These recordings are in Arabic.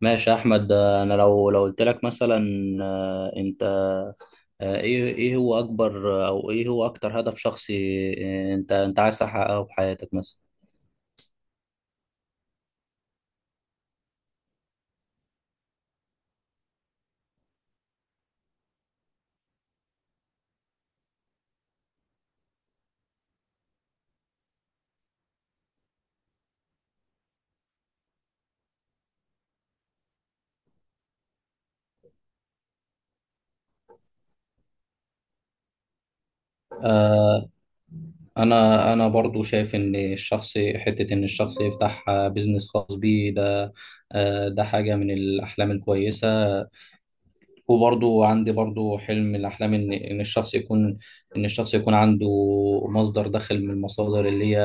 ماشي يا احمد، انا لو قلت لك مثلا، انت، ايه هو اكبر او ايه هو اكتر هدف شخصي انت عايز تحققه في حياتك مثلا؟ آه، انا برضو شايف ان الشخص حته ان الشخص يفتح بيزنس خاص بيه ده، ده حاجه من الاحلام الكويسه. وبرضو عندي برضو حلم من الأحلام إن الشخص يكون، إن الشخص يكون عنده مصدر دخل من المصادر اللي هي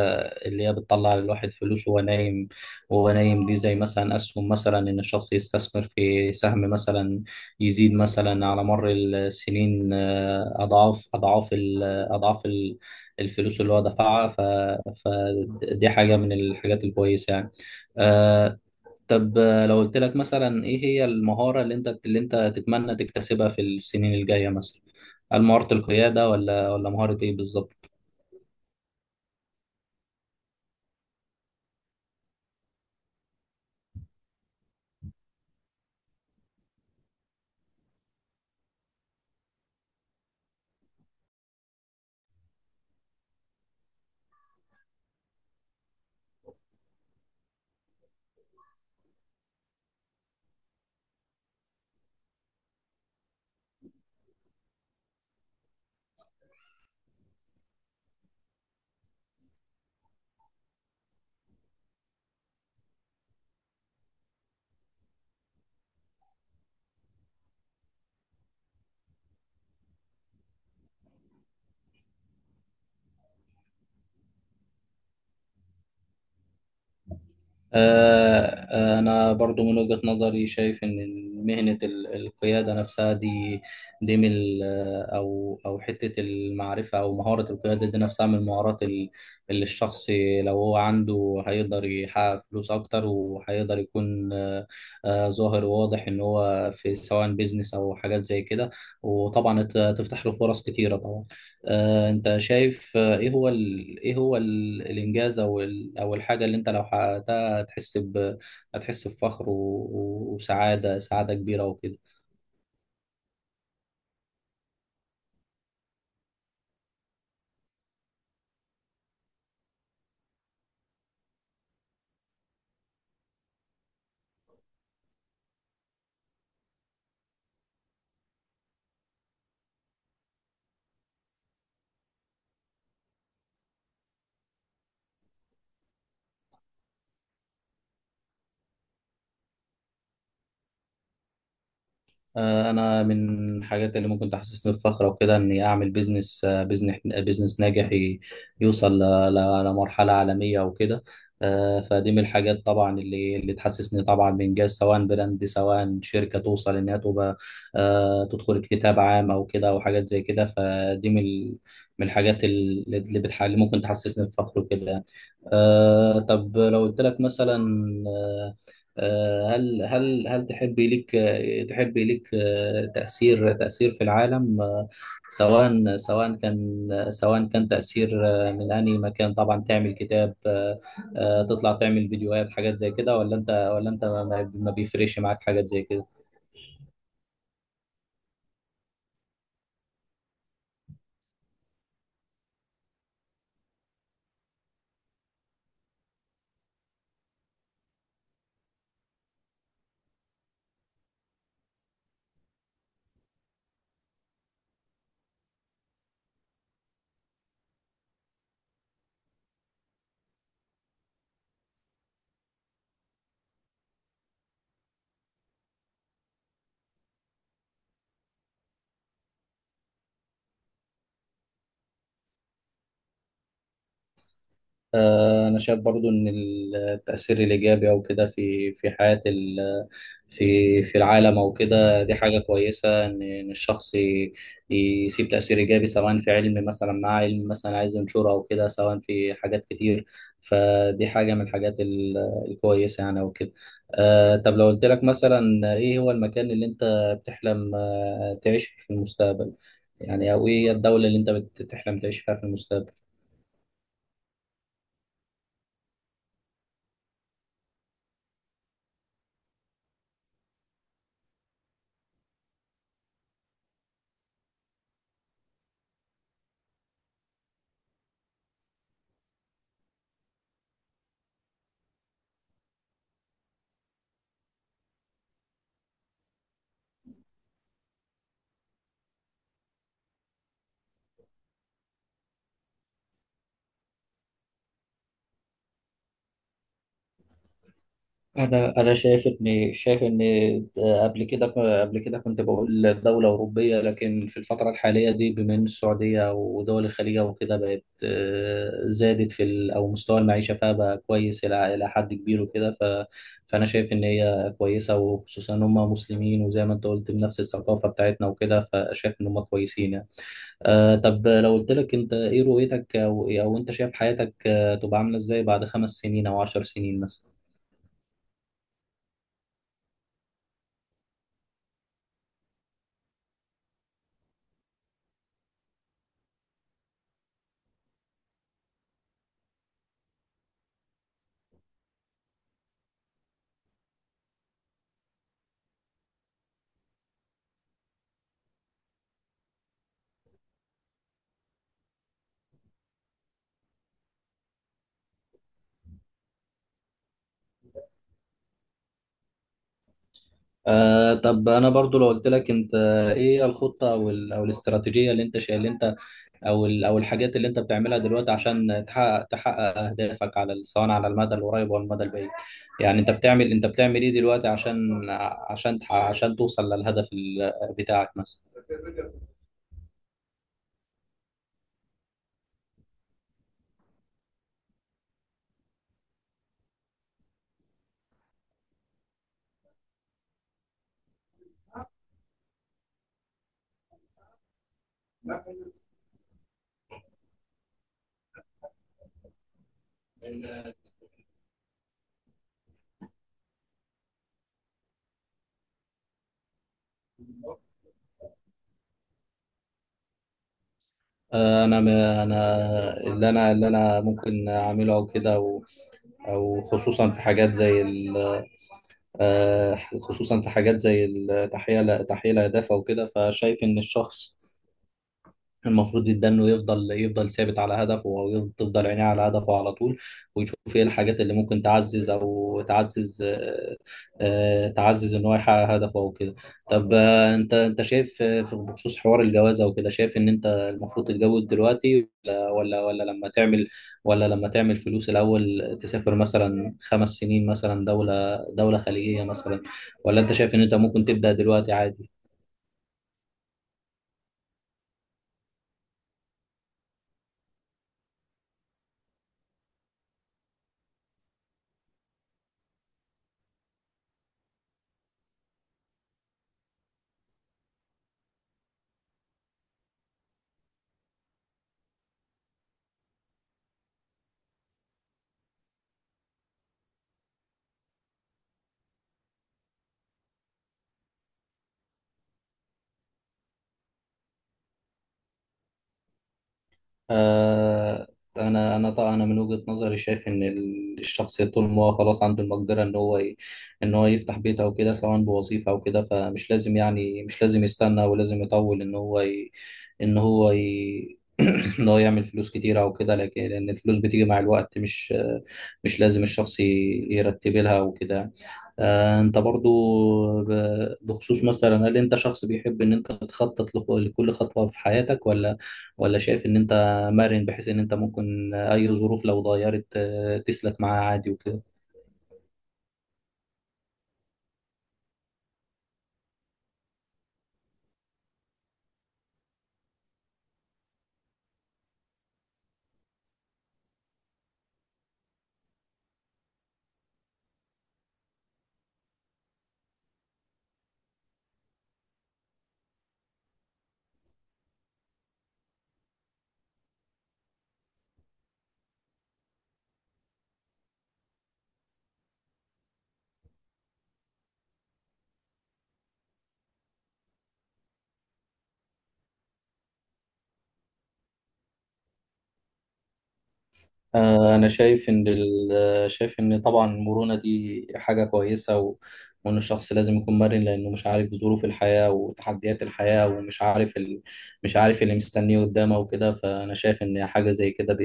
اللي هي بتطلع للواحد فلوس وهو نايم. دي زي مثلا أسهم، مثلا إن الشخص يستثمر في سهم مثلا يزيد مثلا على مر السنين، أضعاف الفلوس اللي هو دفعها. فدي حاجة من الحاجات الكويسة يعني. آه، طب لو قلت لك مثلا، ايه هي المهارة اللي انت تتمنى تكتسبها في السنين الجاية مثلا؟ هل مهارة القيادة ولا مهارة ايه بالظبط؟ آه، أنا برضو من وجهة نظري شايف إن مهنة القيادة نفسها دي من أو حتة المعرفة، أو مهارة القيادة دي نفسها من المهارات اللي الشخص لو هو عنده هيقدر يحقق فلوس أكتر، وهيقدر يكون ظاهر وواضح إن هو في سواء بيزنس أو حاجات زي كده، وطبعا تفتح له فرص كتيرة طبعا. أنت شايف إيه هو الإنجاز أو أو الحاجة اللي أنت لو حققتها هتحس هتحس بفخر وسعادة كبيرة وكده؟ انا من الحاجات اللي ممكن تحسسني بفخر وكده اني اعمل بيزنس ناجح، يوصل لمرحله عالميه وكده. فدي من الحاجات طبعا اللي تحسسني طبعا بانجاز، سواء براند سواء شركه توصل انها تبقى، تدخل اكتتاب عام او كده، او حاجات زي كده. فدي من الحاجات اللي ممكن تحسسني بفخر وكده يعني. طب لو قلت لك مثلا، آه، هل تحبي لك تأثير في العالم، سواء سواء كان سواء كان تأثير من أي مكان؟ طبعا تعمل كتاب، تطلع تعمل فيديوهات، حاجات زي كده، ولا أنت ما بيفرقش معاك حاجات زي كده؟ أنا شايف برضو إن التأثير الإيجابي أو كده في في حياة ال في في العالم أو كده، دي حاجة كويسة إن الشخص يسيب تأثير إيجابي، سواء في علم مثلا، مع علم مثلا عايز ينشره أو كده، سواء في حاجات كتير. فدي حاجة من الحاجات الكويسة يعني أو كده. طب لو قلت لك مثلا، إيه هو المكان اللي أنت بتحلم تعيش فيه في المستقبل يعني؟ أو إيه هي الدولة اللي أنت بتحلم تعيش فيها في المستقبل؟ انا شايف ان قبل كده قبل كده كنت بقول دوله اوروبيه، لكن في الفتره الحاليه دي، بما ان السعوديه ودول الخليج وكده بقت، زادت او مستوى المعيشه فيها بقى كويس الى حد كبير وكده. فانا شايف ان هي كويسه، وخصوصا ان هم مسلمين وزي ما انت قلت بنفس الثقافه بتاعتنا وكده، فشايف ان هم كويسين يعني. طب لو قلت لك انت، ايه رؤيتك، او انت شايف حياتك تبقى عامله ازاي بعد 5 سنين او 10 سنين مثلا؟ طب انا برضو لو قلت لك انت، ايه الخطه او الاستراتيجيه اللي انت شايل اللي انت او ال- او الحاجات اللي انت بتعملها دلوقتي عشان تحقق اهدافك، سواء على المدى القريب او المدى البعيد؟ يعني انت بتعمل ايه دلوقتي عشان عشان توصل للهدف بتاعك مثلا؟ انا م- انا اللي انا اللي انا ممكن اعمله او كده، او خصوصا في حاجات زي ال- آه، خصوصا في حاجات زي تحقيق الاهداف او كده. فشايف ان الشخص المفروض جدا انه يفضل ثابت على هدفه، او تفضل عينيه على هدفه على طول، ويشوف ايه الحاجات اللي ممكن تعزز او تعزز آه، آه، تعزز ان هو يحقق هدفه او كده. طب انت شايف بخصوص حوار الجواز او كده، شايف ان انت المفروض تتجوز دلوقتي، ولا لما تعمل فلوس الاول، تسافر مثلا 5 سنين مثلا دولة خليجية مثلا، ولا انت شايف ان انت ممكن تبدأ دلوقتي عادي؟ آه، انا طبعا من وجهة نظري شايف ان الشخص طول ما هو خلاص عنده المقدره ان هو ان هو يفتح بيت او كده، سواء بوظيفه او كده، فمش لازم يعني، مش لازم يستنى ولازم يطول ان هو ي... ان هو يعمل فلوس كتير او كده، لكن لان الفلوس بتيجي مع الوقت، مش لازم الشخص يرتب لها وكده. انت برضو بخصوص مثلا، هل انت شخص بيحب ان انت تخطط لكل خطوة في حياتك، ولا ولا شايف ان انت مرن، بحيث ان انت ممكن اي ظروف لو اتغيرت تسلك معاها عادي وكده؟ أنا شايف إن طبعا المرونة دي حاجة كويسة وإن الشخص لازم يكون مرن، لأنه مش عارف ظروف الحياة وتحديات الحياة، ومش عارف مش عارف اللي مستنيه قدامه وكده. فأنا شايف إن حاجة زي كده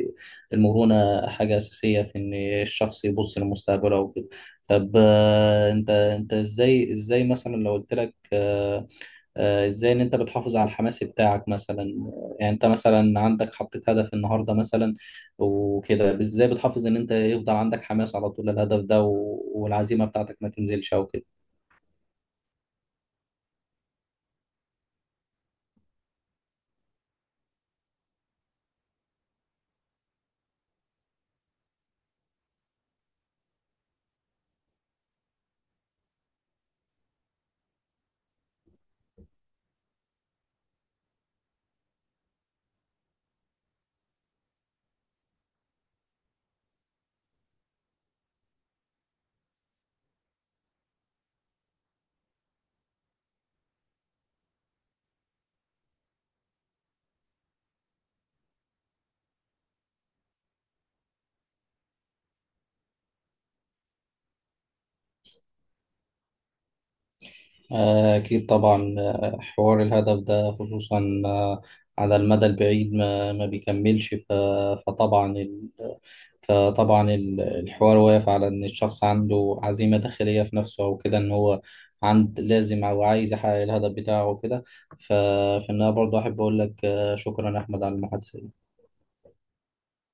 المرونة حاجة أساسية في إن الشخص يبص لمستقبله وكده. طب أنت إزاي مثلا لو قلت لك، ازاي ان انت بتحافظ على الحماس بتاعك مثلا؟ يعني انت مثلا عندك حطيت هدف النهارده مثلا وكده، ازاي بتحافظ ان انت يفضل عندك حماس على طول الهدف ده والعزيمه بتاعتك ما تنزلش او كده؟ اكيد طبعا، حوار الهدف ده خصوصا على المدى البعيد ما بيكملش. فطبعا فطبعا الحوار واقف على إن الشخص عنده عزيمة داخلية في نفسه أو كده، إن هو لازم أو عايز يحقق الهدف بتاعه وكده. ف- فإن أنا برضه أحب أقول لك شكرا يا أحمد على المحادثة.